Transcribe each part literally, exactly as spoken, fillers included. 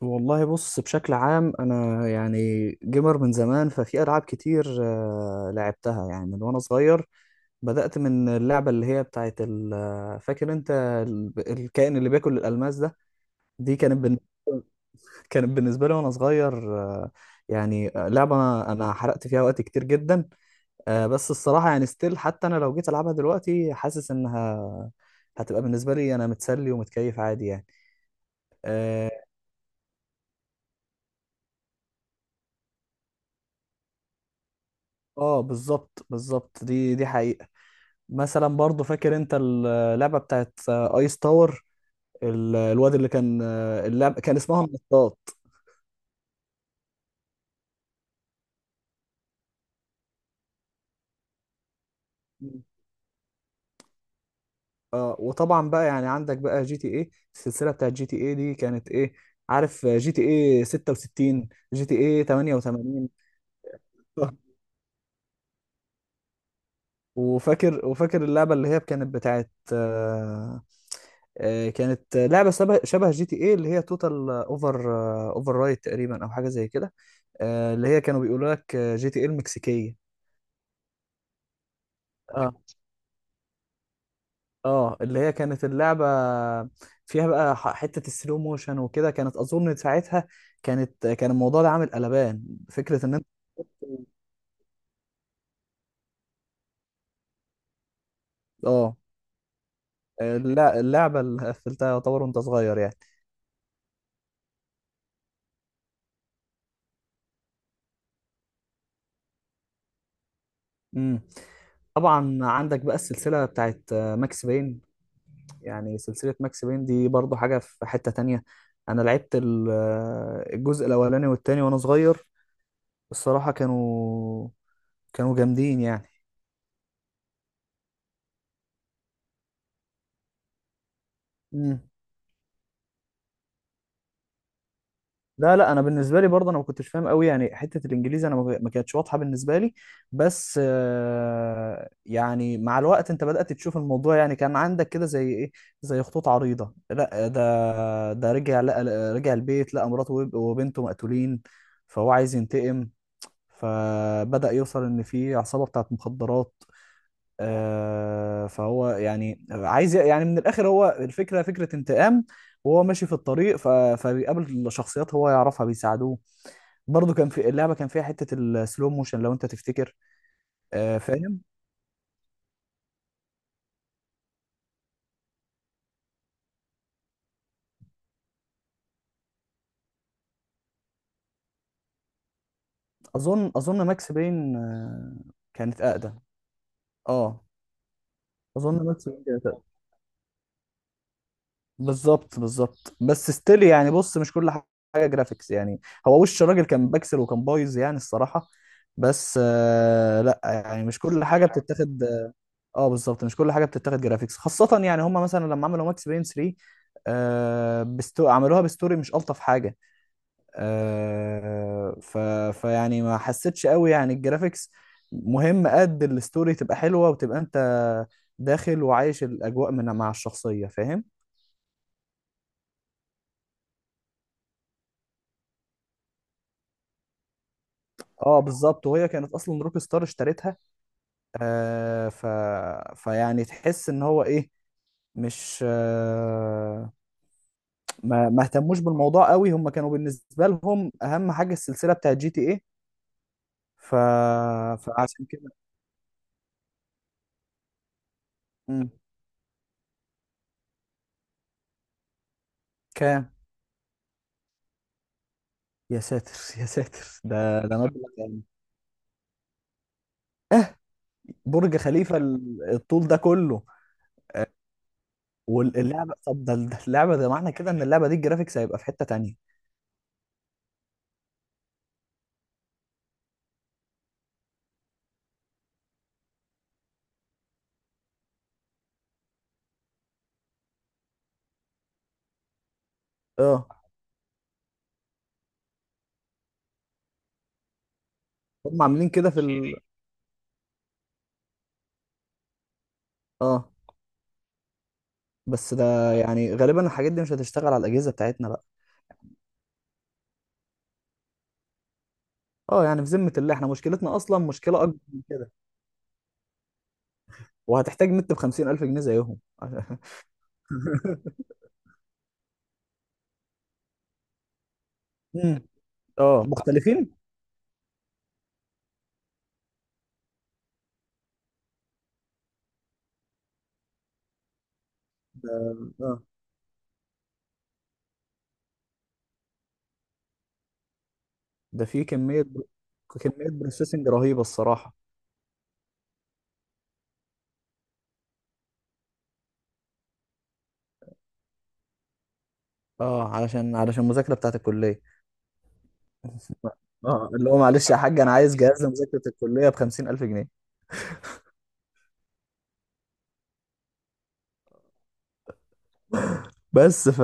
والله بص، بشكل عام انا يعني جيمر من زمان، ففي العاب كتير آه، لعبتها يعني من وانا صغير. بدأت من اللعبة اللي هي بتاعت ال- آه، فاكر انت ال- الكائن اللي بياكل الألماس ده. دي كانت بالنسبة كانت بالنسبة لي وأنا صغير، آه، يعني آه، لعبة أنا أنا حرقت فيها وقت كتير جدا. آه، بس الصراحة يعني ستيل، حتى أنا لو جيت ألعبها دلوقتي حاسس إنها هتبقى بالنسبة لي أنا متسلي ومتكيف عادي يعني. آه آه، بالظبط بالظبط، دي دي حقيقة. مثلا برضو فاكر انت اللعبه بتاعت ايس تاور، ال- الواد اللي كان اللعبه كان اسمها النطاط. اه، وطبعا بقى يعني عندك بقى جي تي ايه، السلسله بتاعت جي تي ايه دي كانت ايه، عارف؟ جي تي ايه ستة وستين، جي تي ايه تمانية وتمانين. وفاكر وفاكر اللعبه اللي هي كانت بتاعت آه، آه، كانت لعبه شبه شبه جي تي ايه، اللي هي توتال اوفر اوفر رايت تقريبا او حاجه زي كده، آه، اللي هي كانوا بيقولوا لك جي تي ايه المكسيكيه. اه، اه، اللي هي كانت اللعبة فيها بقى ح- حتة السلو موشن وكده، كانت أظن ساعتها كانت كان الموضوع ده عامل قلبان، فكرة إن أنت... اه، اللع- اللعبة اللي قفلتها يعتبر وأنت صغير يعني. امم طبعا، عندك بقى السلسلة بتاعت آه، ماكس بين، يعني سلسلة ماكس بين دي برضو حاجة في حتة تانية. أنا لعبت ال- آه، الجزء الأولاني والتاني وأنا صغير، الصراحة كانوا كانوا جامدين يعني. إمم. لا، لا، انا بالنسبه لي برضه انا ما كنتش فاهم قوي يعني، حته الانجليزي انا ما ما كانتش واضحه بالنسبه لي. بس آه، يعني مع الوقت انت بدات تشوف الموضوع، يعني كان عندك كده زي ايه، زي خطوط عريضه. لا، ده ده رجع، لقى رجع البيت، لقى مراته وب- وبنته مقتولين، فهو عايز ينتقم، فبدا يوصل ان في عصابه بتاعت مخدرات. آه، فهو يعني عايز، يعني من الاخر هو الفكره فكره انتقام. وهو ماشي في الطريق ف... فبيقابل شخصيات هو يعرفها بيساعدوه. برضو كان في اللعبه، كان فيها حته السلو موشن لو انت تفتكر. آه، فاهم. اظن اظن ماكس بين آه، كانت اقدم. اه، اظن ماكس بين كانت اقدم. بالظبط بالظبط، بس ستيل يعني، بص مش كل حاجه جرافيكس يعني، هو وش الراجل كان بكسل وكان بايظ يعني الصراحه، بس آه لا، يعني مش كل حاجه بتتاخد. اه، بالظبط، مش كل حاجه بتتاخد جرافيكس خاصه، يعني هم مثلا لما عملوا ماكس بين تلاتة، آه بستو... عملوها بستوري مش الطف حاجه. آه ف... فيعني ما حسيتش قوي يعني الجرافيكس، مهم قد الستوري تبقى حلوه وتبقى انت داخل وعايش الاجواء من مع الشخصيه، فاهم؟ اه، بالظبط، وهي كانت اصلا روك ستار اشترتها، آه ف... فيعني تحس ان هو ايه، مش آه، ما ما اهتموش بالموضوع قوي، هم كانوا بالنسبه لهم اهم حاجه السلسله بتاعت جي تي ايه، ف... فعشان كده. مم. كام؟ يا ساتر، يا ساتر، ده ده مبلغ يعني. برج خليفه ال- الطول ده كله؟ واللعبه طب، ده ده اللعبه، ده معنى كده ان اللعبه دي الجرافيكس هيبقى في حته تانية. اه، هم عاملين كده في ال... اه، بس ده يعني غالبا الحاجات دي مش هتشتغل على الاجهزه بتاعتنا بقى. اه، يعني في ذمه الله، احنا مشكلتنا اصلا مشكله اكبر من كده، وهتحتاج نت ب خمسين ألف جنيه زيهم. مم. اه، مختلفين. ده- اه، ده في كمية كمية بروسيسنج رهيبة الصراحة. اه، علشان علشان المذاكرة بتاعت الكلية. اه، اللي هو معلش يا حاج، انا عايز جهاز لمذاكرة الكلية بخمسين ألف جنيه. بس ف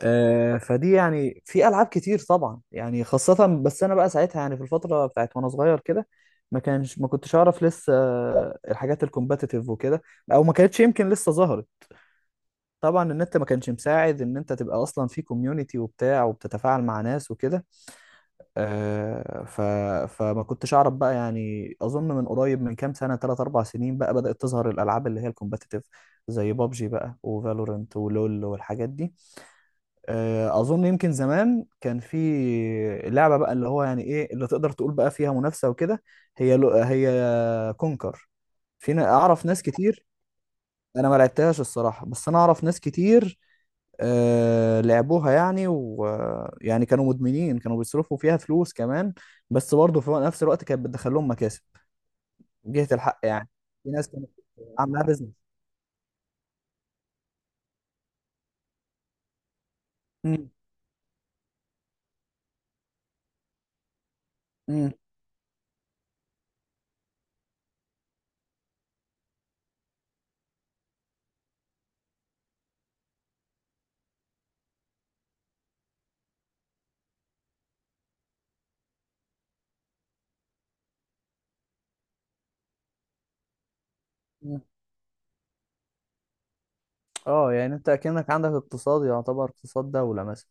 آه فدي، يعني في ألعاب كتير طبعا، يعني خاصة، بس أنا بقى ساعتها، يعني في الفترة بتاعت وأنا صغير كده، ما كانش ما كنتش أعرف لسه الحاجات الكومباتيتيف وكده، أو ما كانتش يمكن لسه ظهرت. طبعا النت ما كانش مساعد ان انت تبقى اصلا في كوميونتي وبتاع وبتتفاعل مع ناس وكده، آه، ف... فما كنتش اعرف بقى يعني، اظن من قريب من كام سنه، تلاتة اربعة سنين بقى، بدات تظهر الالعاب اللي هي الكومبتيتيف، زي بابجي بقى وفالورنت ولول والحاجات دي. آه، اظن يمكن زمان كان في لعبه بقى، اللي هو يعني ايه اللي تقدر تقول بقى فيها منافسه وكده، هي لو- هي كونكر. فينا اعرف ناس كتير، انا ما لعبتهاش الصراحه، بس انا اعرف ناس كتير آه، لعبوها يعني، ويعني كانوا مدمنين، كانوا بيصرفوا فيها فلوس كمان، بس برضه في نفس الوقت كانت بتدخل لهم مكاسب جهة الحق يعني. في ناس كانت عاملاها بيزنس. مم، مم، مم. اه، يعني انت اكنك عندك اقتصاد، يعتبر اقتصاد دولة مثلا.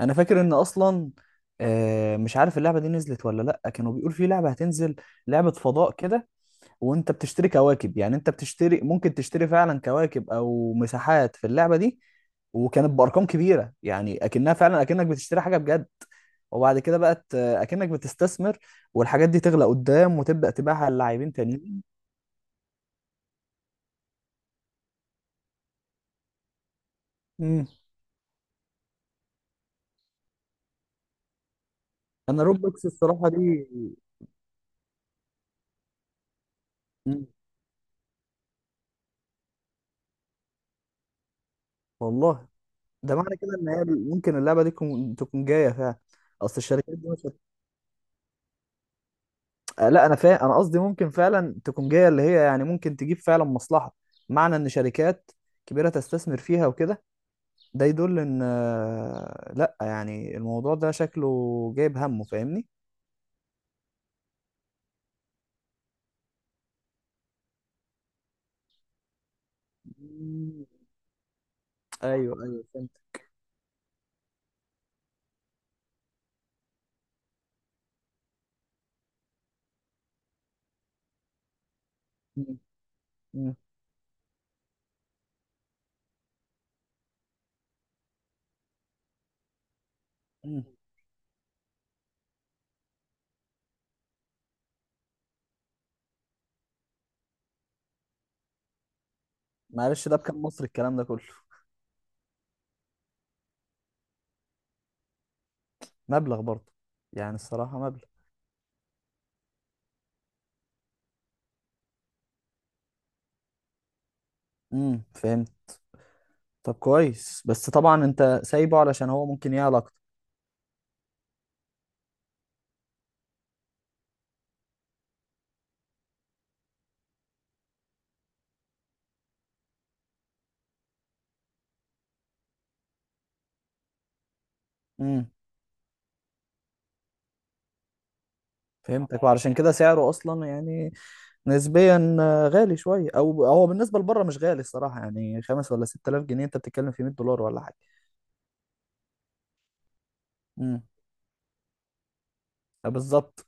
انا فاكر ان اصلا آه، مش عارف اللعبة دي نزلت ولا لا، كانوا بيقول في لعبة هتنزل، لعبة فضاء كده، وانت بتشتري كواكب، يعني انت بتشتري ممكن تشتري فعلا كواكب او مساحات في اللعبه دي، وكانت بارقام كبيره، يعني اكنها فعلا اكنك بتشتري حاجه بجد، وبعد كده بقت اكنك بتستثمر، والحاجات دي تغلى قدام وتبدا تبيعها للاعبين تانيين. امم انا روبلوكس الصراحه دي. مم. والله، ده معنى كده ان هي ممكن اللعبه دي تكون تكون جايه فعلا؟ اصل الشركات دي آه، لا، انا فا انا قصدي ممكن فعلا تكون جايه اللي هي، يعني ممكن تجيب فعلا مصلحه، معنى ان شركات كبيره تستثمر فيها وكده، ده يدل ان آه، لا يعني الموضوع ده شكله جايب همه، فاهمني؟ مم. ايوه، ايوه، فهمت. مم. مم. مم. معلش، ده بكام مصري الكلام ده كله؟ مبلغ برضه، يعني الصراحه مبلغ. امم فهمت. طب كويس، بس طبعا انت سايبه علشان هو ممكن يعلى اكتر. امم فهمتك، وعلشان كده سعره اصلا يعني نسبيا آه، غالي شويه، او هو بالنسبه لبره مش غالي الصراحه، يعني خمس ولا ستة آلاف جنيه انت بتتكلم في مية دولار ولا حاجه. امم بالظبط.